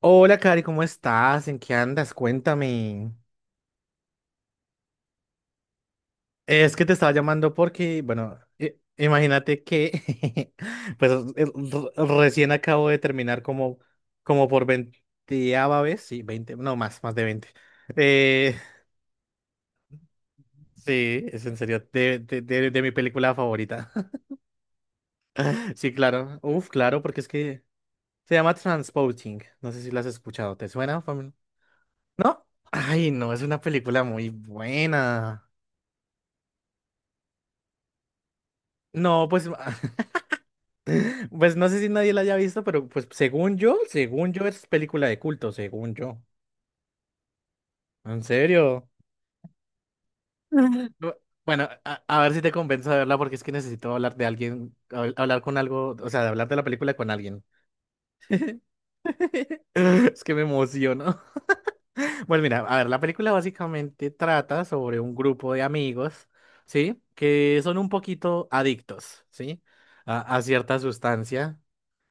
Hola, Cari, ¿cómo estás? ¿En qué andas? Cuéntame. Es que te estaba llamando porque, bueno, imagínate que, pues, el- r- recién acabo de terminar como, como por veinteava vez, sí, veinte, no más, más de veinte. Eh, sí, es en serio, de mi película favorita. Sí, claro, uf, claro, porque es que se llama Transporting. No sé si la has escuchado, ¿te suena? ¿No? Ay, no, es una película muy buena. No, pues pues no sé si nadie la haya visto, pero pues según yo es película de culto, según yo. ¿En serio? Bu- Bueno, a ver si te convenzo de verla porque es que necesito hablar de alguien, hablar con algo, o sea, de hablar de la película con alguien. Es que me emociono. Bueno, mira, a ver, la película básicamente trata sobre un grupo de amigos, ¿sí? Que son un poquito adictos, ¿sí? A cierta sustancia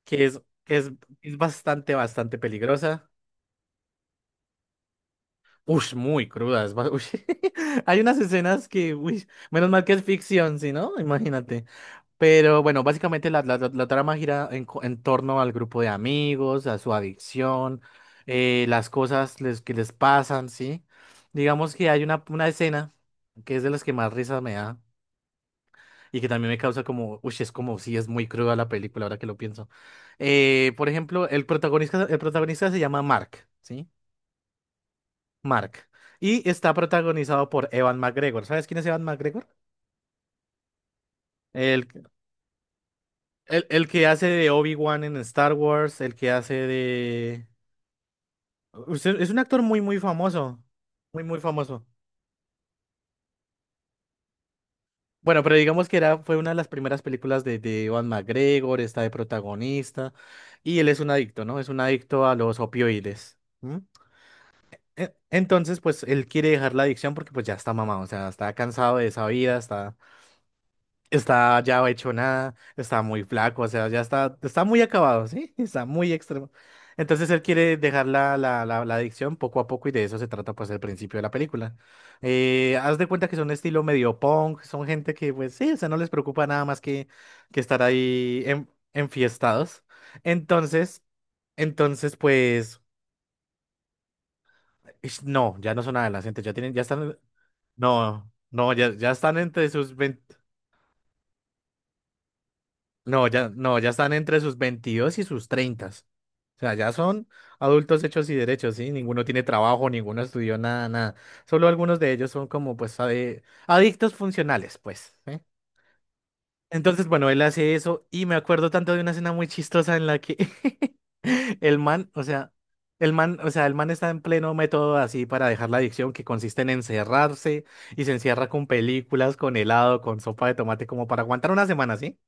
que es, que es, es bastante, bastante peligrosa. Ush, muy crudas. Ush. Hay unas escenas que, uy, menos mal que es ficción, si no, imagínate. Pero bueno, básicamente la trama gira en, en torno al grupo de amigos, a su adicción, las cosas que les pasan, ¿sí? Digamos que hay una escena que es de las que más risa me da y que también me causa como, uy, es como si es muy cruda la película, ahora que lo pienso. Por ejemplo, el protagonista se llama Mark, ¿sí? Mark. Y está protagonizado por Evan McGregor. ¿Sabes quién es Evan McGregor? El, el que hace de Obi-Wan en Star Wars, el que hace de... es un actor muy, muy famoso. Muy, muy famoso. Bueno, pero digamos que era, fue una de las primeras películas de Ewan McGregor, está de protagonista, y él es un adicto, ¿no? Es un adicto a los opioides. ¿M? Entonces, pues él quiere dejar la adicción porque pues ya está mamado, o sea, está cansado de esa vida, está... Está ya hecho nada, está muy flaco, o sea, está muy acabado, ¿sí? Está muy extremo. Entonces él quiere dejar la adicción poco a poco y de eso se trata pues el principio de la película. Haz de cuenta que son estilo medio punk, son gente que pues sí, o sea, no les preocupa nada más que estar ahí en, enfiestados. Entonces, entonces pues, ish, no, ya no son adolescentes, ya tienen, ya están, no, no, ya, ya están entre sus 20. No, ya, no, ya están entre sus 22 y sus 30. O sea, ya son adultos hechos y derechos, ¿sí? Ninguno tiene trabajo, ninguno estudió nada, nada. Solo algunos de ellos son como, pues, adictos funcionales, pues. ¿Sí? Entonces, bueno, él hace eso y me acuerdo tanto de una escena muy chistosa en la que el man, o sea, el man, o sea, el man está en pleno método así para dejar la adicción que consiste en encerrarse y se encierra con películas, con helado, con sopa de tomate, como para aguantar una semana, ¿sí?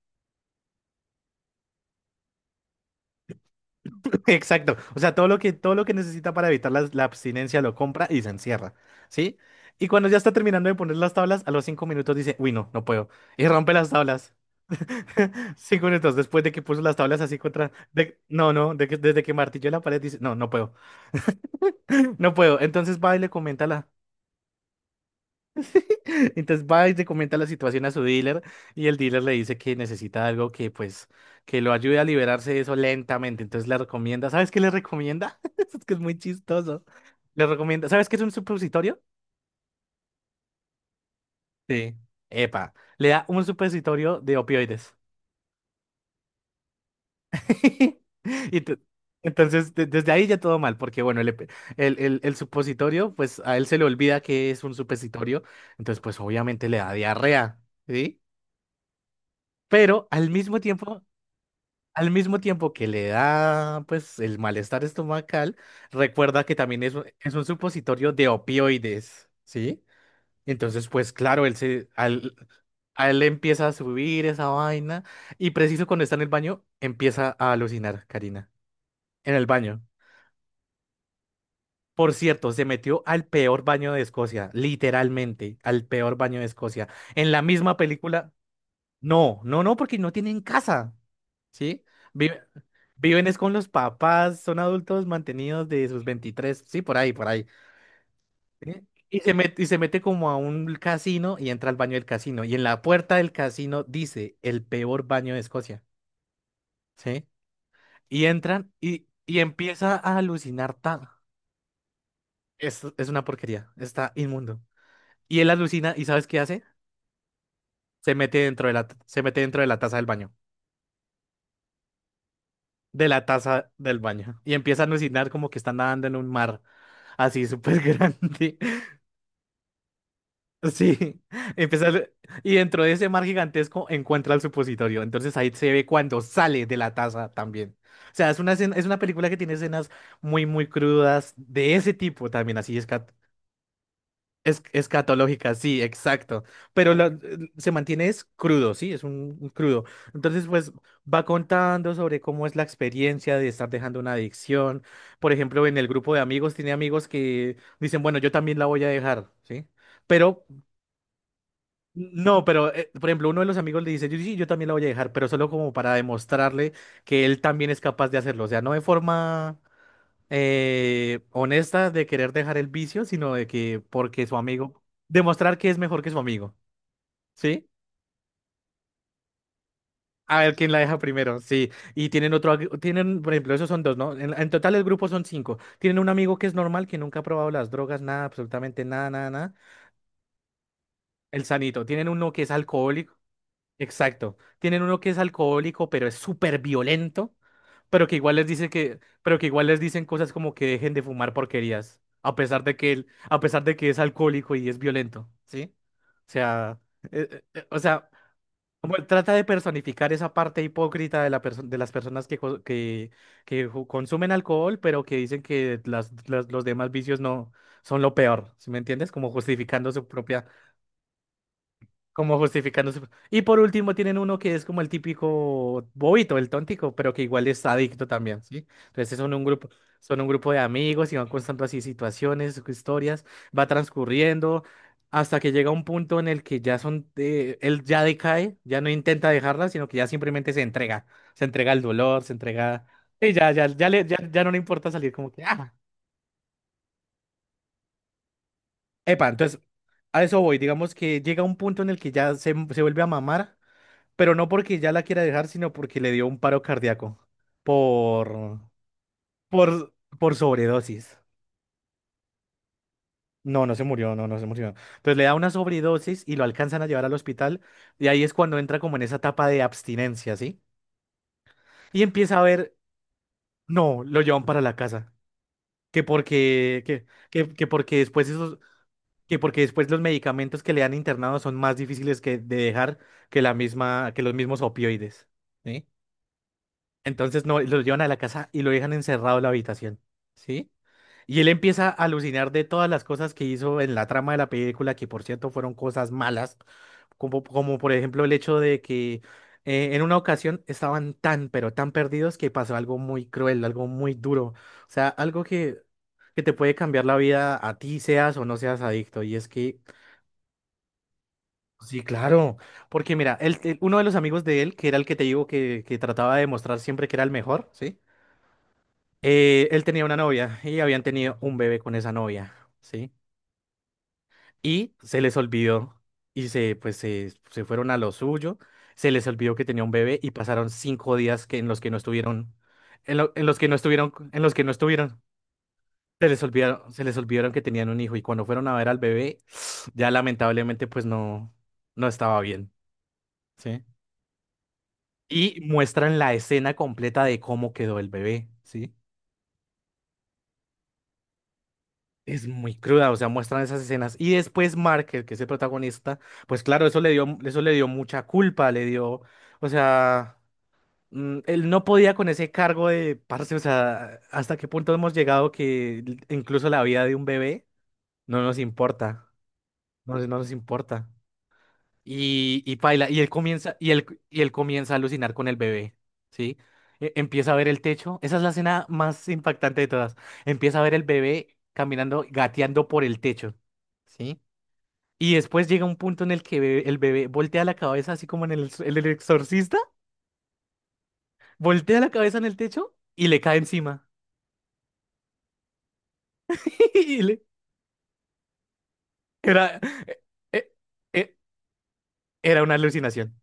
Exacto. O sea, todo lo que necesita para evitar la abstinencia lo compra y se encierra, ¿sí? Y cuando ya está terminando de poner las tablas, a los 5 minutos dice, uy, no, no puedo. Y rompe las tablas. 5 minutos después de que puso las tablas así contra... de- no, no, de que- desde que martilló la pared dice, no, no puedo, no puedo. Entonces va y le comenta a la... Entonces va y le comenta la situación a su dealer y el dealer le dice que necesita algo que pues que lo ayude a liberarse de eso lentamente. Entonces le recomienda, ¿sabes qué le recomienda? Es que es muy chistoso. Le recomienda, ¿sabes qué es un supositorio? Sí. Epa, le da un supositorio de opioides. Y te- entonces desde ahí ya todo mal, porque bueno, el, epe- el supositorio, pues a él se le olvida que es un supositorio, entonces pues obviamente le da diarrea, ¿sí? Pero al mismo tiempo... Al mismo tiempo que le da, pues, el malestar estomacal, recuerda que también es, es un supositorio de opioides, ¿sí? Entonces, pues, claro, a él le empieza a subir esa vaina y preciso cuando está en el baño, empieza a alucinar, Karina, en el baño. Por cierto, se metió al peor baño de Escocia, literalmente, al peor baño de Escocia. En la misma película, no, no, no, porque no tienen casa. ¿Sí? Vive- viven es con los papás, son adultos mantenidos de sus 23, sí, por ahí, por ahí. ¿Sí? Y se mete como a un casino y entra al baño del casino. Y en la puerta del casino dice el peor baño de Escocia, ¿sí? Y entran y empieza a alucinar. Es una porquería, está inmundo. Y él alucina y ¿sabes qué hace? Se mete dentro de se mete dentro de la taza del baño, de la taza del baño. Y empieza a alucinar como que está nadando en un mar así súper grande. Sí, empezar y dentro de ese mar gigantesco encuentra el supositorio. Entonces ahí se ve cuando sale de la taza también. O sea, es una película que tiene escenas muy muy crudas de ese tipo también, es escatológicas, sí, exacto. Pero lo- se mantiene es crudo, sí, es un crudo. Entonces pues va contando sobre cómo es la experiencia de estar dejando una adicción. Por ejemplo, en el grupo de amigos tiene amigos que dicen, bueno, yo también la voy a dejar, ¿sí? Pero no, pero por ejemplo, uno de los amigos le dice, yo, sí, yo también la voy a dejar, pero solo como para demostrarle que él también es capaz de hacerlo. O sea, no de forma honesta de querer dejar el vicio, sino de que porque su amigo, demostrar que es mejor que su amigo, ¿sí? A ver quién la deja primero, sí. Y tienen otro, tienen, por ejemplo, esos son dos, ¿no? En total el grupo son 5. Tienen un amigo que es normal, que nunca ha probado las drogas, nada, absolutamente nada, nada, nada. El sanito. Tienen uno que es alcohólico. Exacto. Tienen uno que es alcohólico, pero es súper violento, pero que igual les dice que, pero que igual les dicen cosas como que dejen de fumar porquerías, a pesar de que él, a pesar de que es alcohólico y es violento, ¿sí? O sea, o sea, como él trata de personificar esa parte hipócrita de de las personas que, consumen alcohol, pero que dicen que los demás vicios no son lo peor, ¿sí me entiendes? Como justificando su propia, como justificando y por último tienen uno que es como el típico bobito, el tóntico, pero que igual es adicto también, ¿sí? Entonces son un grupo de amigos y van constando así situaciones, historias, va transcurriendo hasta que llega un punto en el que ya son, él ya decae, ya no intenta dejarla, sino que ya simplemente se entrega al dolor, se entrega, y ya no le importa salir como que, ah, epa, entonces a eso voy, digamos que llega un punto en el que se vuelve a mamar pero no porque ya la quiera dejar, sino porque le dio un paro cardíaco por, por, por sobredosis. No, no se murió, no, no se murió. Entonces le da una sobredosis y lo alcanzan a llevar al hospital y ahí es cuando entra como en esa etapa de abstinencia, ¿sí? Y empieza a ver, no, lo llevan para la casa, que porque, que, que porque después esos, que porque después los medicamentos que le han internado son más difíciles que de dejar que la misma, que los mismos opioides. ¿Sí? Entonces no, lo llevan a la casa y lo dejan encerrado en la habitación, ¿sí? Y él empieza a alucinar de todas las cosas que hizo en la trama de la película, que por cierto fueron cosas malas, como, como por ejemplo el hecho de que en una ocasión estaban tan, pero tan perdidos que pasó algo muy cruel, algo muy duro, o sea, algo que te puede cambiar la vida a ti, seas o no seas adicto. Y es que, sí, claro, porque mira, uno de los amigos de él, que era el que te digo que trataba de demostrar siempre que era el mejor, ¿sí? Él tenía una novia y habían tenido un bebé con esa novia, ¿sí? Y se les olvidó y se, pues, se fueron a lo suyo, se les olvidó que tenía un bebé y pasaron 5 días que, en los que no estuvieron, en los que no estuvieron, en los que no estuvieron. Se les olvidaron que tenían un hijo y cuando fueron a ver al bebé, ya lamentablemente pues no, no estaba bien, ¿sí? Y muestran la escena completa de cómo quedó el bebé, ¿sí? Es muy cruda, o sea, muestran esas escenas. Y después Mark, el que es el protagonista, pues claro, eso le dio mucha culpa, le dio, o sea, mm, él no podía con ese cargo de, parce, o sea, hasta qué punto hemos llegado que incluso la vida de un bebé no nos importa, no, no nos importa. Y paila, y él comienza a alucinar con el bebé, ¿sí? Empieza a ver el techo, esa es la escena más impactante de todas. Empieza a ver el bebé caminando, gateando por el techo, ¿sí? Y después llega un punto en el que el bebé voltea la cabeza, así como en en el exorcista, voltea la cabeza en el techo y le cae encima. Y le- era, e- e- e- era una alucinación.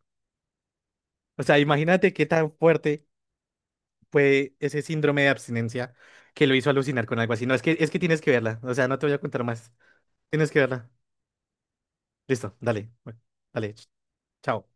O sea, imagínate qué tan fuerte fue ese síndrome de abstinencia que lo hizo alucinar con algo así. No, es que tienes que verla. O sea, no te voy a contar más. Tienes que verla. Listo, dale. Bueno, dale. Chao.